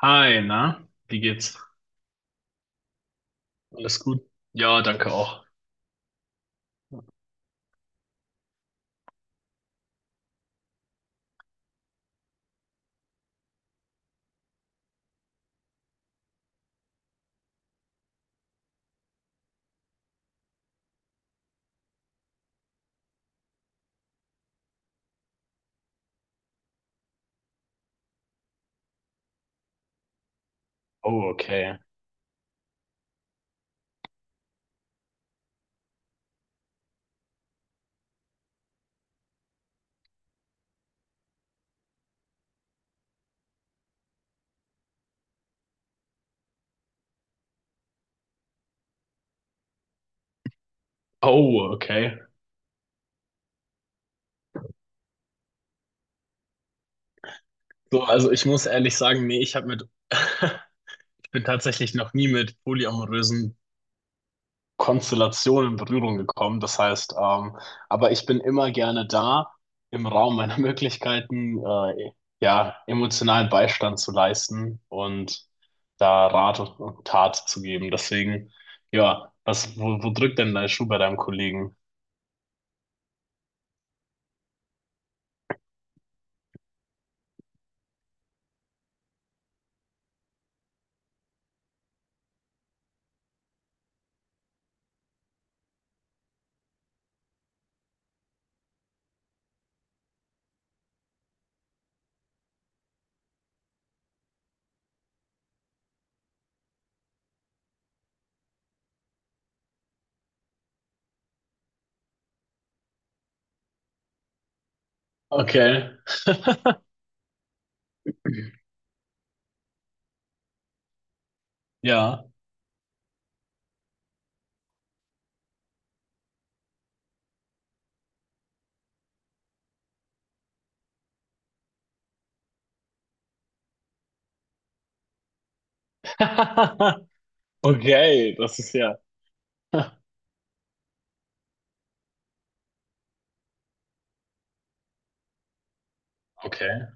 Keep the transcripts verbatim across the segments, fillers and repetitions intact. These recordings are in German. Hi, na, wie geht's? Alles gut? Ja, danke auch. Oh, okay. Oh, okay. So, also ich muss ehrlich sagen, nee, ich habe mit, ich bin tatsächlich noch nie mit polyamorösen Konstellationen in Berührung gekommen. Das heißt, ähm, aber ich bin immer gerne da, im Raum meiner Möglichkeiten, äh, ja, emotionalen Beistand zu leisten und da Rat und Tat zu geben. Deswegen, ja, was, wo, wo drückt denn dein Schuh bei deinem Kollegen? Okay, ja. Okay, das ist ja. Okay.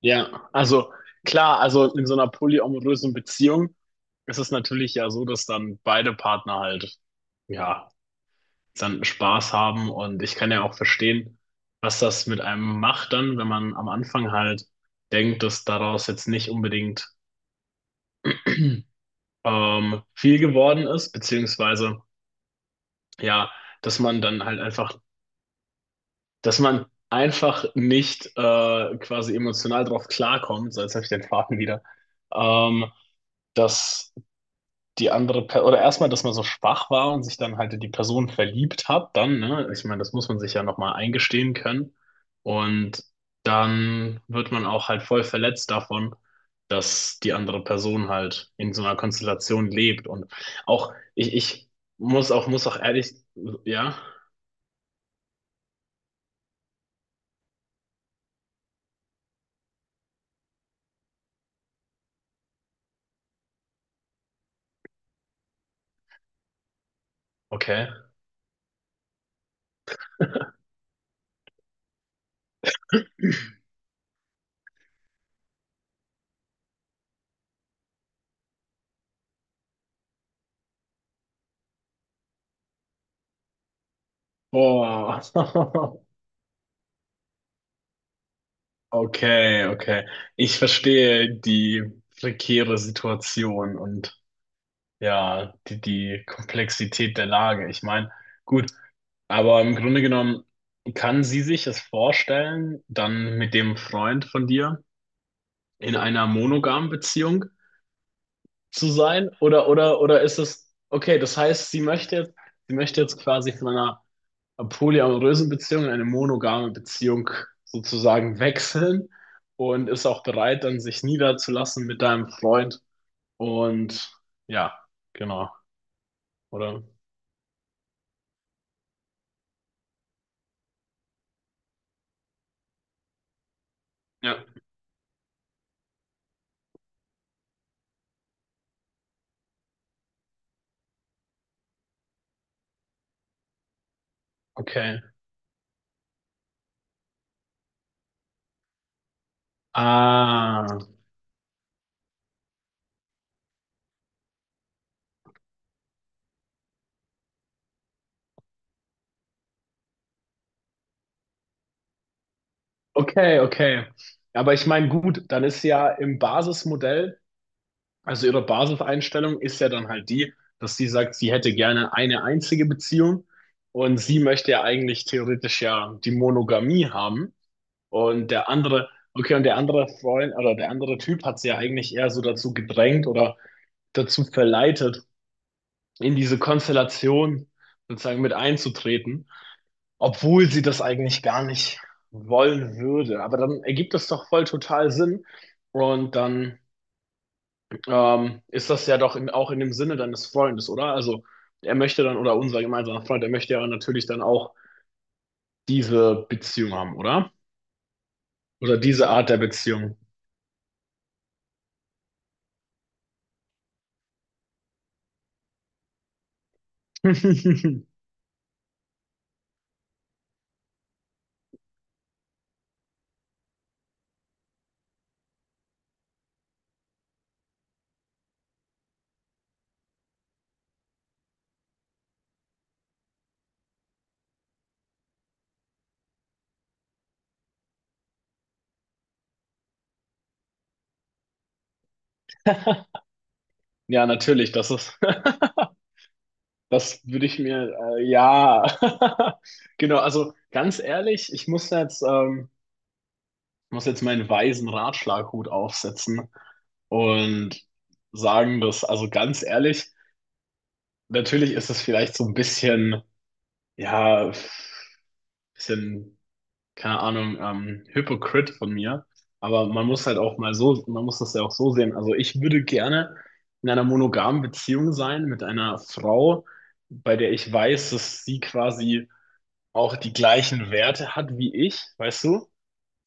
Ja, also klar, also in so einer polyamorösen Beziehung ist es natürlich ja so, dass dann beide Partner halt, ja, dann Spaß haben und ich kann ja auch verstehen, was das mit einem macht dann, wenn man am Anfang halt denkt, dass daraus jetzt nicht unbedingt ähm, viel geworden ist, beziehungsweise ja, dass man dann halt einfach, dass man einfach nicht äh, quasi emotional drauf klarkommt, so jetzt habe ich den Faden wieder, ähm, dass die andere per oder erstmal, dass man so schwach war und sich dann halt in die Person verliebt hat, dann, ne? Ich meine, das muss man sich ja nochmal eingestehen können. Und dann wird man auch halt voll verletzt davon, dass die andere Person halt in so einer Konstellation lebt. Und auch, ich, ich muss auch, muss auch ehrlich, ja, okay. Boah. Okay, okay. Ich verstehe die prekäre Situation und ja, die, die Komplexität der Lage. Ich meine, gut, aber im Grunde genommen kann sie sich es vorstellen, dann mit dem Freund von dir in einer monogamen Beziehung zu sein? Oder, oder, oder ist es, okay, das heißt, sie möchte jetzt, sie möchte jetzt quasi von einer polyamorösen Beziehung in eine monogame Beziehung sozusagen wechseln und ist auch bereit, dann sich niederzulassen mit deinem Freund. Und ja, genau, oder? Ja. Okay. Ah, okay, okay. Ja, aber ich meine, gut, dann ist ja im Basismodell, also ihre Basiseinstellung ist ja dann halt die, dass sie sagt, sie hätte gerne eine einzige Beziehung und sie möchte ja eigentlich theoretisch ja die Monogamie haben. Und der andere, okay, und der andere Freund oder der andere Typ hat sie ja eigentlich eher so dazu gedrängt oder dazu verleitet, in diese Konstellation sozusagen mit einzutreten, obwohl sie das eigentlich gar nicht wollen würde. Aber dann ergibt das doch voll total Sinn. Und dann ähm, ist das ja doch in, auch in dem Sinne deines Freundes, oder? Also er möchte dann, oder unser gemeinsamer Freund, er möchte ja natürlich dann auch diese Beziehung haben, oder? Oder diese Art der Beziehung. Ja, natürlich, das ist, das würde ich mir, äh, ja, genau, also ganz ehrlich, ich muss jetzt, ähm, muss jetzt meinen weisen Ratschlaghut aufsetzen und sagen, dass, also ganz ehrlich, natürlich ist es vielleicht so ein bisschen, ja, bisschen, keine Ahnung, ähm, Hypocrite von mir, aber man muss halt auch mal so, man muss das ja auch so sehen. Also ich würde gerne in einer monogamen Beziehung sein mit einer Frau, bei der ich weiß, dass sie quasi auch die gleichen Werte hat wie ich, weißt du?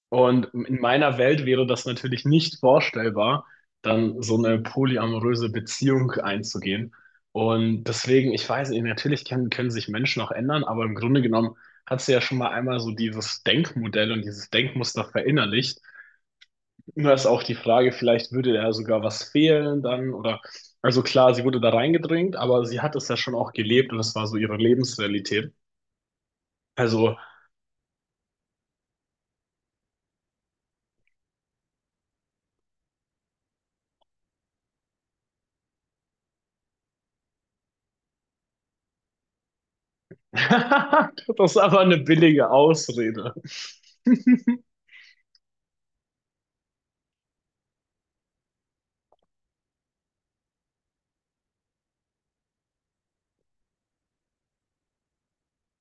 Und in meiner Welt wäre das natürlich nicht vorstellbar, dann so eine polyamoröse Beziehung einzugehen. Und deswegen, ich weiß nicht, natürlich können, können sich Menschen auch ändern, aber im Grunde genommen hat sie ja schon mal einmal so dieses Denkmodell und dieses Denkmuster verinnerlicht. Nur ist auch die Frage, vielleicht würde da sogar was fehlen dann oder, also klar, sie wurde da reingedrängt, aber sie hat es ja schon auch gelebt und es war so ihre Lebensrealität. Also, das ist aber eine billige Ausrede.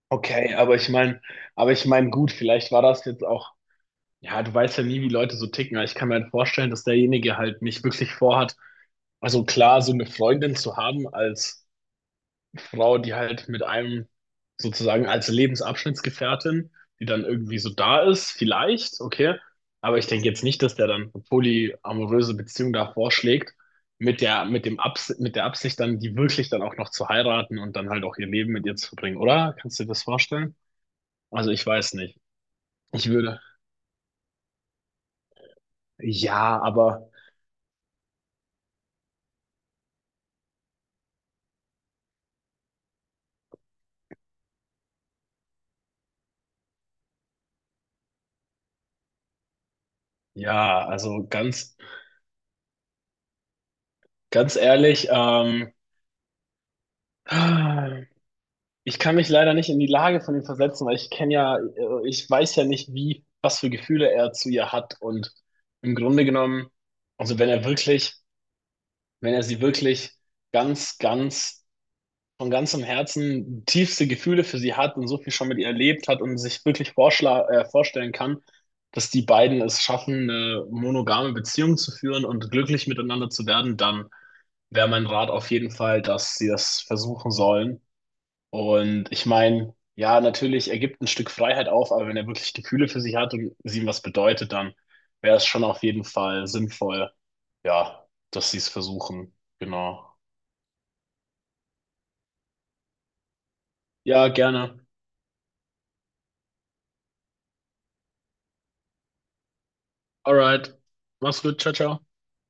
Okay, aber ich meine, aber ich meine, gut, vielleicht war das jetzt auch, ja, du weißt ja nie, wie Leute so ticken, aber ich kann mir halt vorstellen, dass derjenige halt nicht wirklich vorhat, also klar, so eine Freundin zu haben als Frau, die halt mit einem sozusagen als Lebensabschnittsgefährtin, die dann irgendwie so da ist, vielleicht, okay, aber ich denke jetzt nicht, dass der dann eine polyamoröse Beziehung da vorschlägt, mit der, mit dem Abs mit der Absicht dann, die wirklich dann auch noch zu heiraten und dann halt auch ihr Leben mit ihr zu verbringen, oder? Kannst du dir das vorstellen? Also ich weiß nicht. Ich würde. Ja, aber ja, also ganz, ganz ehrlich, ähm, ich kann mich leider nicht in die Lage von ihm versetzen, weil ich kenne ja, äh, ich weiß ja nicht, wie, was für Gefühle er zu ihr hat. Und im Grunde genommen, also wenn er wirklich, wenn er sie wirklich ganz, ganz von ganzem Herzen tiefste Gefühle für sie hat und so viel schon mit ihr erlebt hat und sich wirklich vorschla äh, vorstellen kann, dass die beiden es schaffen, eine monogame Beziehung zu führen und glücklich miteinander zu werden, dann wäre mein Rat auf jeden Fall, dass sie das versuchen sollen. Und ich meine, ja, natürlich, er gibt ein Stück Freiheit auf, aber wenn er wirklich Gefühle für sie hat und sie ihm was bedeutet, dann wäre es schon auf jeden Fall sinnvoll, ja, dass sie es versuchen. Genau. Ja, gerne. Alright. Mach's gut. Ciao, ciao.